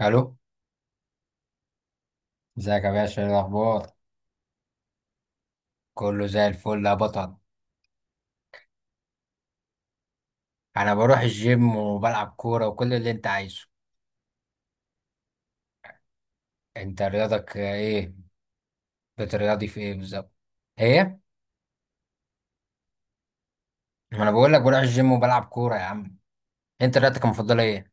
الو. ازيك يا باشا؟ ايه الاخبار؟ كله زي الفل يا بطل. انا بروح الجيم وبلعب كوره وكل اللي انت عايزه. انت رياضك ايه؟ بترياضي في ايه بالظبط؟ ايه؟ ما انا بقول لك بروح الجيم وبلعب كوره يا عم. انت رياضتك المفضله ايه؟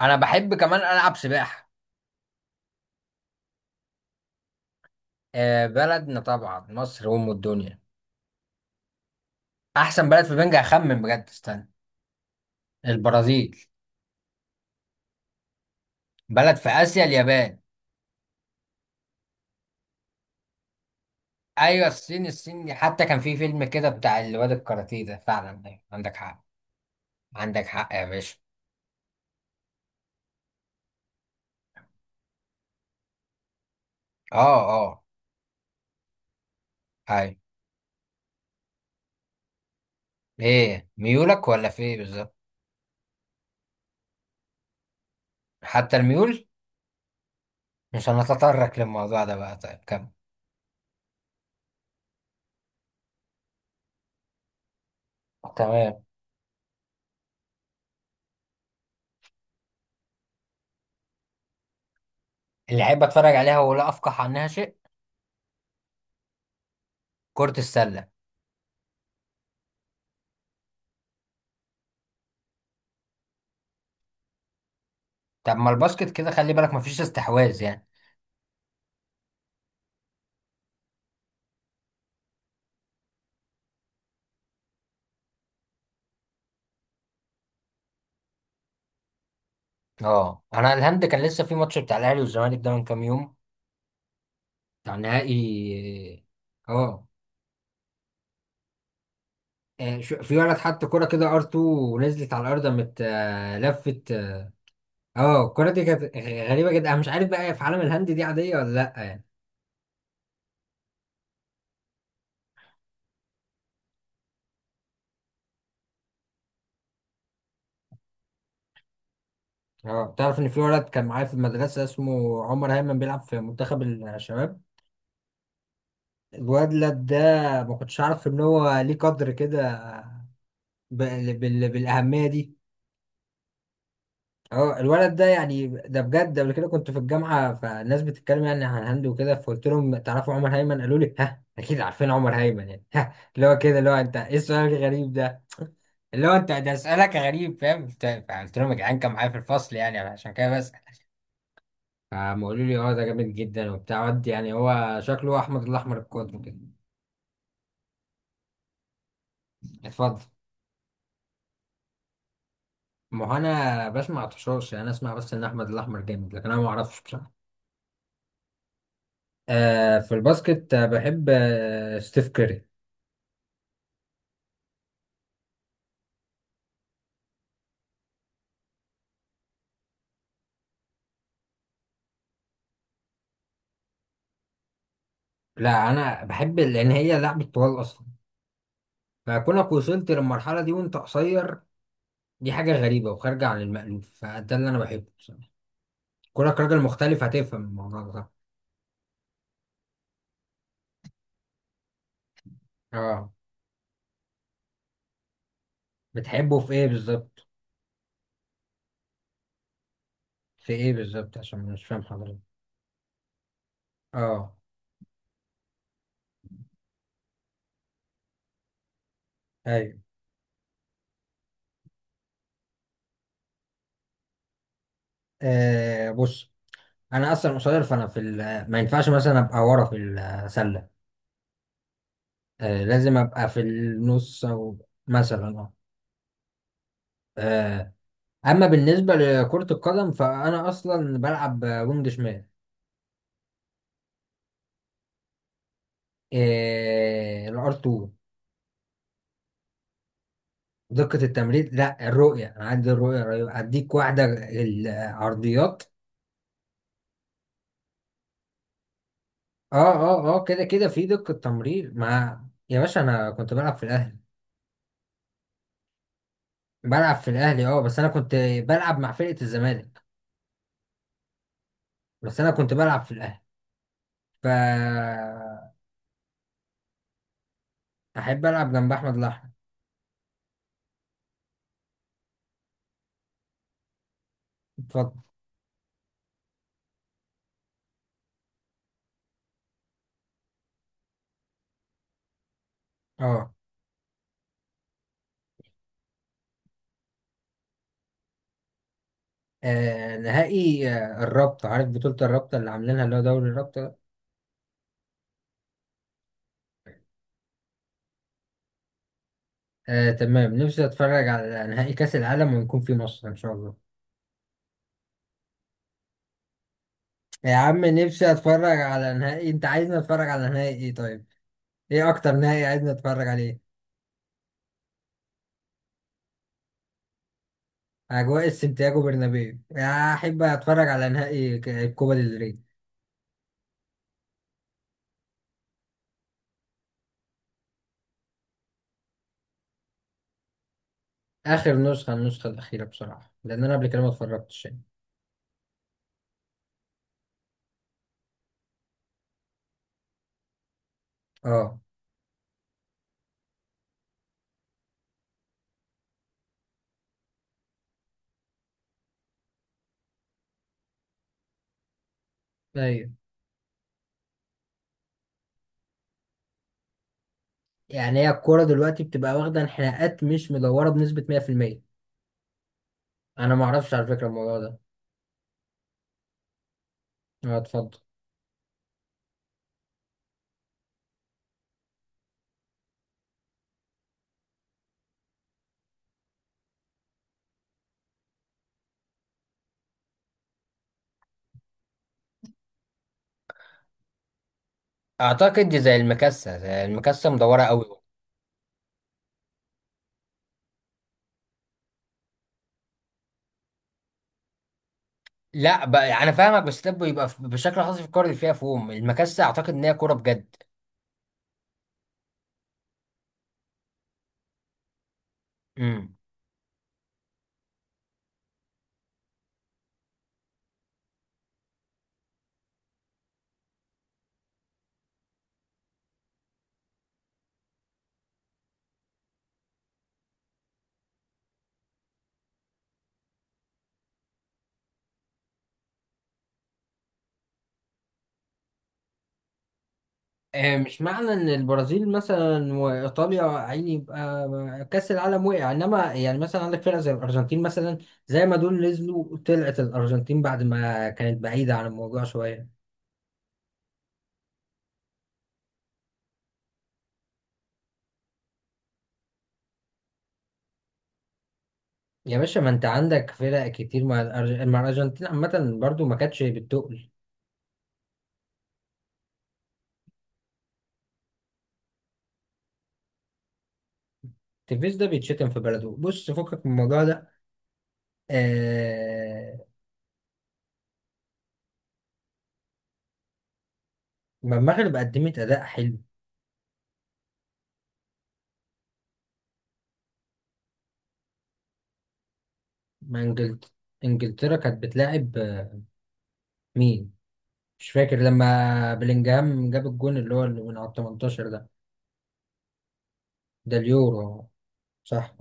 انا بحب كمان العب سباحه. آه، بلدنا طبعا مصر ام الدنيا. احسن بلد في بنجا اخمن بجد، استنى. البرازيل. بلد في اسيا، اليابان. ايوه، الصين. الصين دي حتى كان في فيلم كده بتاع الواد الكاراتيه ده، فعلا أيوة، عندك حق. عندك حق يا باشا. اه اه. هاي، ايه ميولك ولا في ايه بالظبط؟ حتى الميول؟ مش هنتطرق للموضوع ده بقى. طيب كم؟ تمام. اللي احب اتفرج عليها ولا افقه عنها شيء؟ كرة السلة. طب ما الباسكت كده، خلي بالك مفيش استحواذ يعني. اه، انا الهند كان لسه في ماتش بتاع الاهلي والزمالك ده من كام يوم، بتاع نهائي. اه. آه، في ولد حط كرة كده ار 2 ونزلت على الارض مت. لفت اه. آه، الكرة دي كانت غريبة جدا. انا مش عارف بقى في عالم الهند دي عادية ولا لا يعني. اه، تعرف ان في ولد كان معايا في المدرسه اسمه عمر هيمن، بيلعب في منتخب الشباب. الولد ده ما كنتش عارف ان هو ليه قدر كده بالاهميه دي. اه، الولد ده يعني ده بجد. قبل كده كنت في الجامعه فالناس بتتكلم يعني عن هند وكده، فقلت لهم تعرفوا عمر هيمن؟ قالوا لي ها اكيد، عارفين عمر هيمن يعني، ها، اللي هو كده، اللي هو انت ايه السؤال الغريب ده، اللي هو انت ده سؤالك غريب، فاهم؟ قلت لهم يا جدعان كان معايا في الفصل يعني، عشان كده بس. فقام قالوا لي اه ده جامد جدا وبتاع ود، يعني هو شكله احمد الاحمر القادم كده. اتفضل. ما هو انا بسمع طشاش يعني. انا اسمع بس ان احمد الاحمر جامد، لكن انا ما اعرفش بصراحه. آه في الباسكت. آه، بحب آه ستيف كيري. لا، انا بحب لان هي لعبه طوال اصلا. فكونك وصلت للمرحله دي وانت قصير، دي حاجه غريبه وخارجه عن المألوف، فده اللي انا بحبه بصراحه. كونك راجل مختلف هتفهم الموضوع ده. اه. بتحبه في ايه بالظبط؟ في ايه بالظبط عشان مش فاهم حضرتك؟ اه. ايوه. آه بص، انا اصلا قصير فانا في ما ينفعش مثلا ابقى ورا في السله. آه، لازم ابقى في النص او مثلا. اه. آه، اما بالنسبه لكره القدم فانا اصلا بلعب وينج شمال. آه، الار 2. دقه التمرير؟ لا، الرؤيه. انا عندي الرؤيه رهيبة. هديك واحده، العرضيات. اه اه اه، كده كده في دقه تمرير مع. يا باشا انا كنت بلعب في الاهلي. بلعب في الاهلي اه، بس انا كنت بلعب مع فرقه الزمالك. بس انا كنت بلعب في الاهلي. ف. احب العب جنب احمد الاحمر. اتفضل. اه. آه، نهائي. آه، الرابطة، عارف بطولة الرابطة اللي عاملينها اللي هو دوري الرابطة ده؟ آه تمام، نفسي اتفرج على نهائي كأس العالم ويكون في مصر ان شاء الله. يا عم نفسي اتفرج على نهائي. انت عايزني اتفرج على نهائي ايه؟ طيب ايه اكتر نهائي عايزني اتفرج عليه؟ اجواء السنتياجو برنابيو. يا احب اتفرج على نهائي الكوبا ديل ري. اخر نسخة، النسخة الاخيرة بصراحة، لان انا قبل كده ما اتفرجتش يعني. اه. ايوه. يعني هي الكورة دلوقتي بتبقى واخدة انحناءات، مش مدورة بنسبة 100%. أنا معرفش على فكرة الموضوع ده. أه اتفضل. اعتقد دي زي المكسه. زي المكسه، مدوره قوي. لا بقى انا فاهمك، بس ده بيبقى بشكل خاص في الكوره اللي فيها فوم المكسه، اعتقد ان هي كوره بجد. امم. آه، مش معنى ان البرازيل مثلا وايطاليا عيني يبقى كاس العالم وقع، انما يعني مثلا عندك فرق زي الارجنتين مثلا. زي ما دول نزلوا طلعت الارجنتين بعد ما كانت بعيده عن الموضوع شويه. يا باشا ما انت عندك فرق كتير. مع مع الارجنتين عامه برضو ما كانتش بتقل. تيفيز ده بيتشتم في بلده، بص فكك من الموضوع ده. آه... ما المغرب قدمت اداء حلو. ما انجلت... انجلترا كانت بتلاعب آه، مين؟ مش فاكر لما بلينجهام جاب الجون اللي هو اللي من على 18 ده؟ ده اليورو. صح.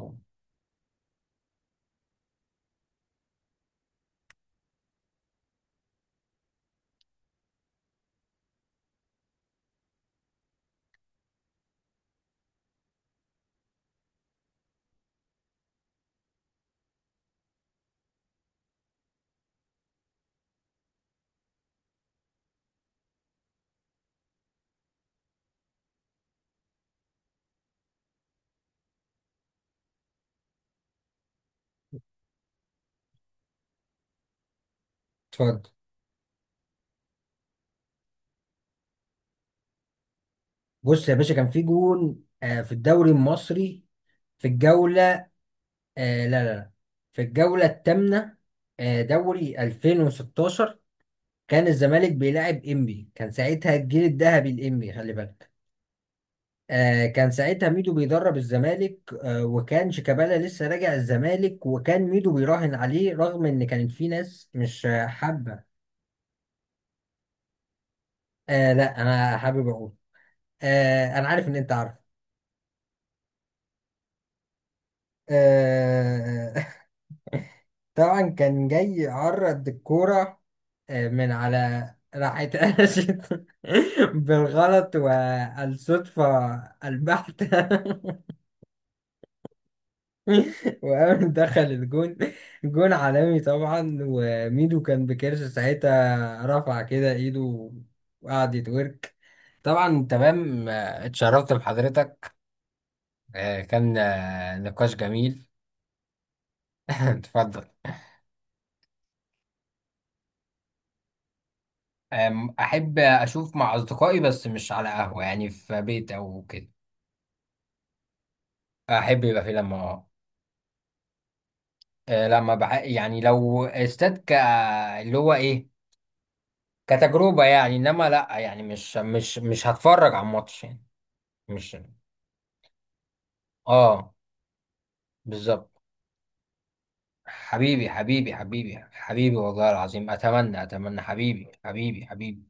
اتفضل. بص يا باشا، كان في جون آه في الدوري المصري، في الجولة، آه لا لا لا، في الجولة الثامنة، آه دوري 2016. كان الزمالك بيلاعب انبي، كان ساعتها الجيل الذهبي الانبي خلي بالك. آه، كان ساعتها ميدو بيدرب الزمالك، آه، وكان شيكابالا لسه راجع الزمالك، وكان ميدو بيراهن عليه رغم ان كانت في ناس مش آه، حابة. آه لا، انا حابب اقول. آه انا عارف ان انت عارف. آه. طبعا كان جاي يعرض الكورة آه، من على. راحت قلشت بالغلط والصدفة البحتة. وقام دخل الجون. جون عالمي طبعا، وميدو كان بكرش ساعتها، رفع كده ايده وقعد يتورك. طبعا تمام. آه، اتشرفت بحضرتك. آه، كان آه، نقاش جميل. اتفضل. آم، احب اشوف مع اصدقائي، بس مش على قهوة يعني، في بيت او كده. احب يبقى في لما اه. آه، يعني لو استاد ك، اللي هو ايه، كتجربة يعني، انما لا يعني، مش هتفرج على الماتش يعني. مش، اه، بالظبط. حبيبي حبيبي حبيبي حبيبي والله العظيم، اتمنى اتمنى حبيبي حبيبي حبيبي.